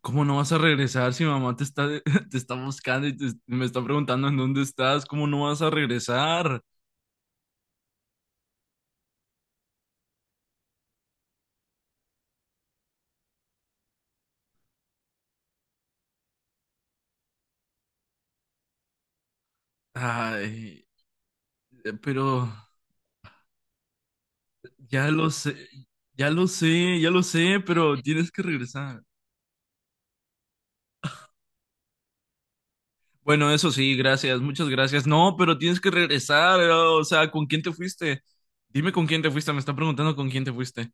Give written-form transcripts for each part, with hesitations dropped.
¿Cómo no vas a regresar si mamá te está, te está buscando y me está preguntando en dónde estás? ¿Cómo no vas a regresar? Ay, pero ya lo sé, ya lo sé, ya lo sé, pero tienes que regresar. Bueno, eso sí, gracias, muchas gracias. No, pero tienes que regresar, o sea, ¿con quién te fuiste? Dime con quién te fuiste, me está preguntando con quién te fuiste.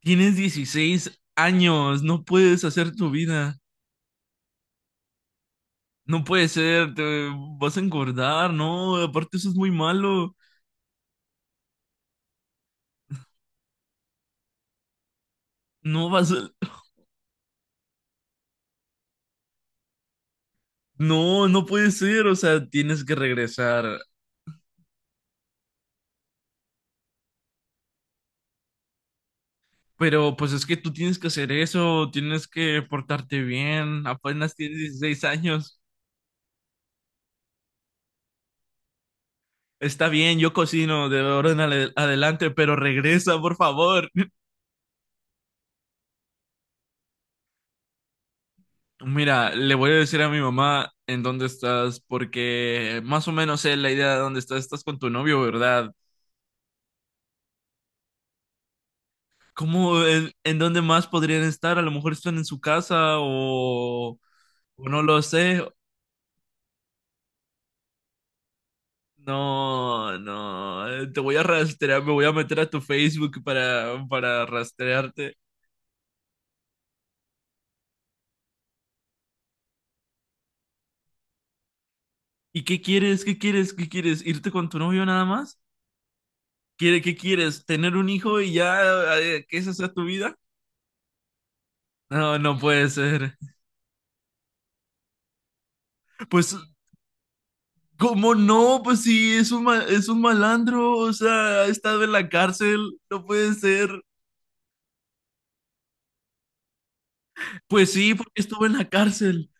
Tienes 16 años, no puedes hacer tu vida. No puede ser, te vas a engordar, no, aparte eso es muy malo. No vas a- No, no puede ser, o sea, tienes que regresar. Pero pues es que tú tienes que hacer eso, tienes que portarte bien, apenas tienes 16 años. Está bien, yo cocino de ahora en adelante, pero regresa, por favor. Mira, le voy a decir a mi mamá en dónde estás, porque más o menos sé la idea de dónde estás. Estás con tu novio, ¿verdad? ¿Cómo, en dónde más podrían estar? A lo mejor están en su casa o no lo sé. No, no, te voy a rastrear, me voy a meter a tu Facebook para rastrearte. ¿Y qué quieres? ¿Qué quieres? ¿Qué quieres? ¿Irte con tu novio nada más? ¿Quiere, qué quieres? ¿Tener un hijo y ya que esa sea tu vida? No, no puede ser. Pues, ¿cómo no? Pues sí, es un malandro, o sea, ha estado en la cárcel, no puede ser. Pues sí, porque estuvo en la cárcel.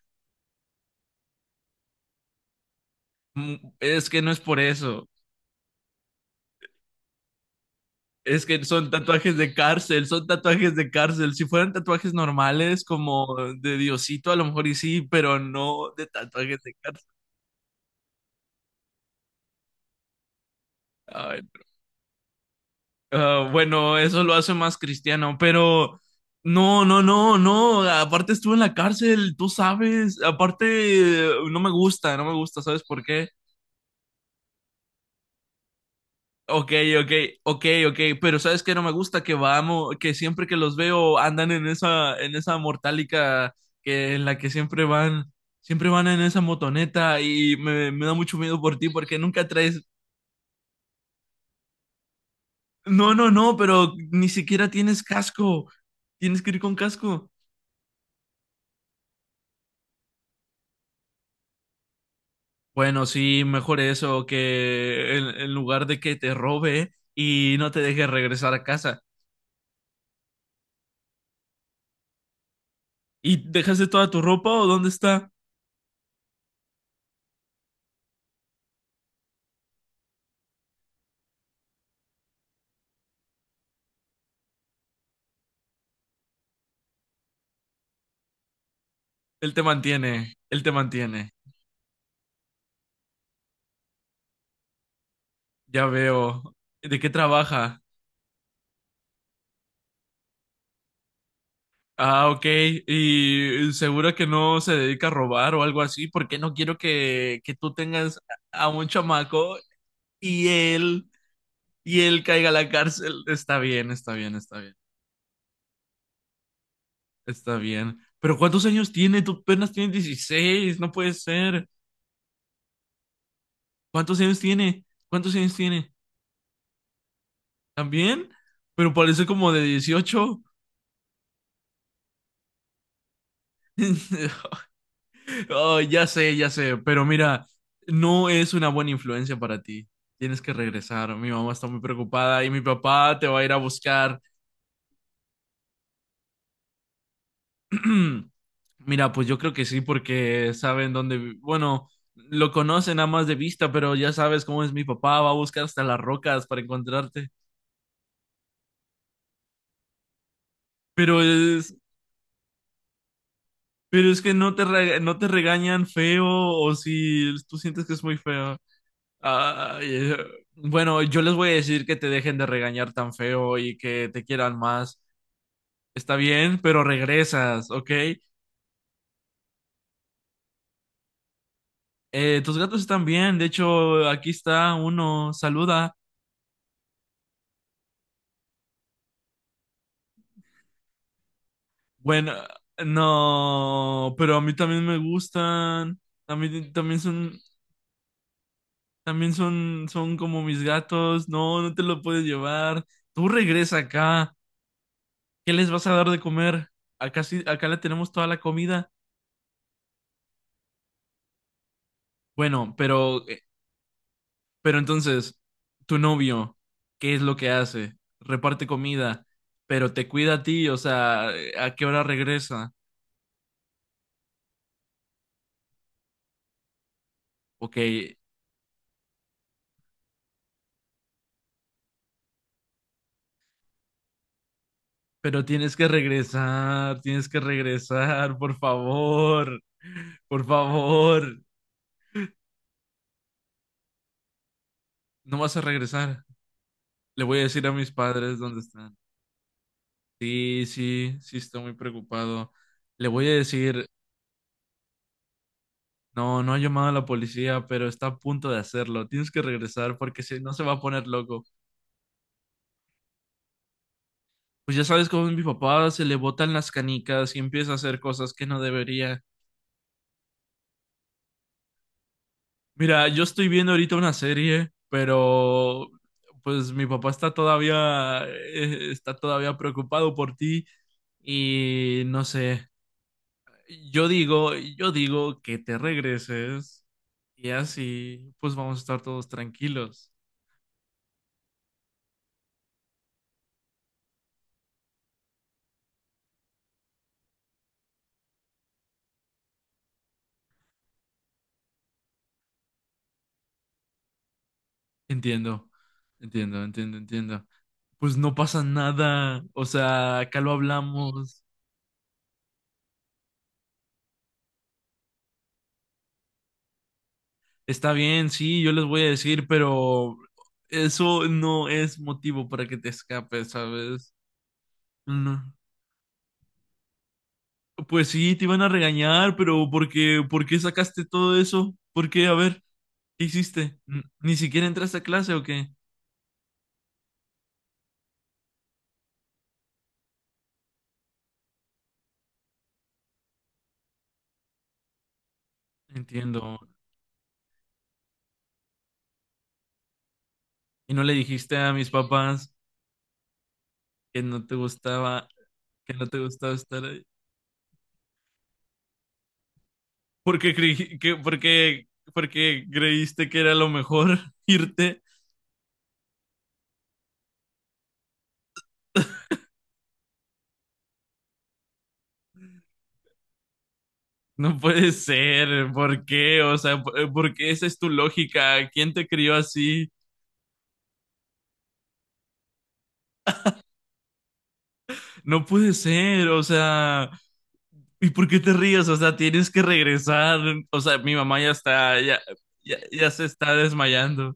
Mm. Es que no es por eso. Es que son tatuajes de cárcel, son tatuajes de cárcel. Si fueran tatuajes normales, como de Diosito, a lo mejor y sí, pero no de tatuajes de cárcel. Ay, bueno, eso lo hace más cristiano, pero no, no, no, no. Aparte estuve en la cárcel, tú sabes. Aparte, no me gusta, ¿sabes por qué? Ok, ok, ok, ok, pero sabes que no me gusta que vamos, que siempre que los veo andan en esa, mortálica que en la que siempre van en esa motoneta y me da mucho miedo por ti porque nunca traes. No, no, no, pero ni siquiera tienes casco. Tienes que ir con casco. Bueno, sí, mejor eso que en lugar de que te robe y no te deje regresar a casa. ¿Y dejaste toda tu ropa o dónde está? Él te mantiene, él te mantiene. Ya veo. ¿De qué trabaja? Ah, ok. Y seguro que no se dedica a robar o algo así, porque no quiero que tú tengas a un chamaco y él, y él caiga a la cárcel. Está bien, está bien, está bien, está bien. Pero ¿cuántos años tiene? Tú apenas tienes 16. No puede ser. ¿Cuántos años tiene? ¿Cuántos años tiene? ¿También? Pero parece como de 18. Oh, ya sé, pero mira, no es una buena influencia para ti. Tienes que regresar. Mi mamá está muy preocupada y mi papá te va a ir a buscar. Mira, pues yo creo que sí, porque saben dónde, bueno, lo conocen nada más de vista, pero ya sabes cómo es mi papá, va a buscar hasta las rocas para encontrarte. Pero es, pero es que no te, no te regañan feo o si tú sientes que es muy feo. Ay, bueno, yo les voy a decir que te dejen de regañar tan feo y que te quieran más. Está bien, pero regresas, ¿ok? Tus gatos están bien. De hecho, aquí está uno. Saluda. Bueno, no, pero a mí también me gustan. También, también son como mis gatos. No, no te lo puedes llevar. Tú regresa acá. ¿Qué les vas a dar de comer? Acá sí, acá le tenemos toda la comida. Bueno, pero entonces, tu novio, ¿qué es lo que hace? Reparte comida, pero te cuida a ti, o sea, ¿a qué hora regresa? Ok, pero tienes que regresar, por favor, no vas a regresar. Le voy a decir a mis padres dónde están. Sí, sí, sí, estoy muy preocupado. Le voy a decir, no, no ha llamado a la policía, pero está a punto de hacerlo. Tienes que regresar porque si no se va a poner loco. Pues ya sabes cómo es mi papá, se le botan las canicas y empieza a hacer cosas que no debería. Mira, yo estoy viendo ahorita una serie, pero pues mi papá está todavía preocupado por ti y no sé. Yo digo que te regreses y así pues vamos a estar todos tranquilos. Entiendo. Entiendo, entiendo, entiendo. Pues no pasa nada, o sea, acá lo hablamos. Está bien, sí, yo les voy a decir, pero eso no es motivo para que te escapes, ¿sabes? No. Pues sí, te iban a regañar, pero ¿por qué sacaste todo eso? ¿Por qué? A ver, ¿qué hiciste? ¿Ni siquiera entraste a clase o qué? Entiendo. ¿Y no le dijiste a mis papás que no te gustaba, que no te gustaba estar ahí? ¿Por qué creí, que, por qué, por qué creíste que era lo mejor irte? No puede ser, ¿por qué? O sea, ¿por qué esa es tu lógica? ¿Quién te crió así? No puede ser, o sea, ¿y por qué te ríes? O sea, tienes que regresar. O sea, mi mamá ya se está desmayando.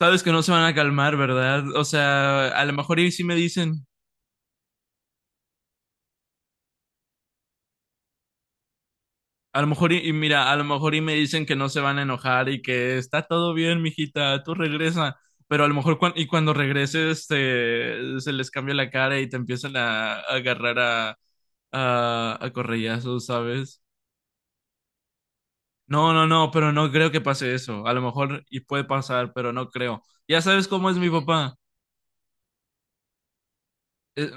Sabes que no se van a calmar, ¿verdad? O sea, a lo mejor y sí me dicen, a lo mejor, y mira, a lo mejor y me dicen que no se van a enojar y que está todo bien, mijita, tú regresa. Pero a lo mejor, y cuando regreses, se les cambia la cara y te empiezan a, agarrar a, a correllazos, ¿sabes? No, no, no, pero no creo que pase eso. A lo mejor, y puede pasar, pero no creo. Ya sabes cómo es mi papá. Eh,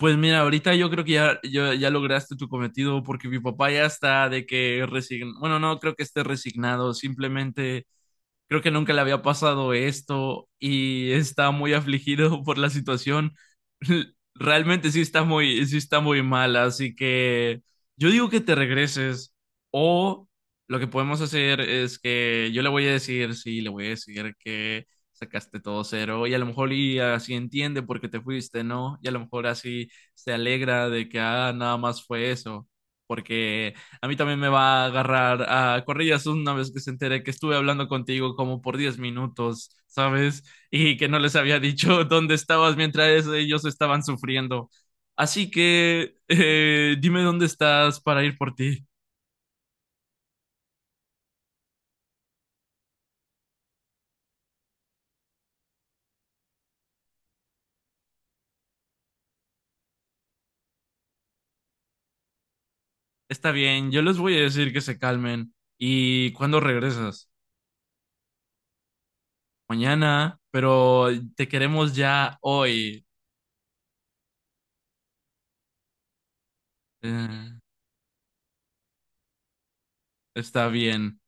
Pues mira, ahorita yo creo que ya, ya lograste tu cometido porque mi papá ya está de que resign. Bueno, no creo que esté resignado, simplemente creo que nunca le había pasado esto y está muy afligido por la situación. Realmente sí está muy mal, así que yo digo que te regreses o lo que podemos hacer es que yo le voy a decir, sí, le voy a decir que sacaste todo cero y a lo mejor y así entiende por qué te fuiste, ¿no? Y a lo mejor así se alegra de que ah, nada más fue eso, porque a mí también me va a agarrar a corrillas una vez que se entere que estuve hablando contigo como por 10 minutos, ¿sabes? Y que no les había dicho dónde estabas mientras ellos estaban sufriendo. Así que dime dónde estás para ir por ti. Está bien, yo les voy a decir que se calmen. ¿Y cuándo regresas? Mañana, pero te queremos ya hoy. Eh, está bien.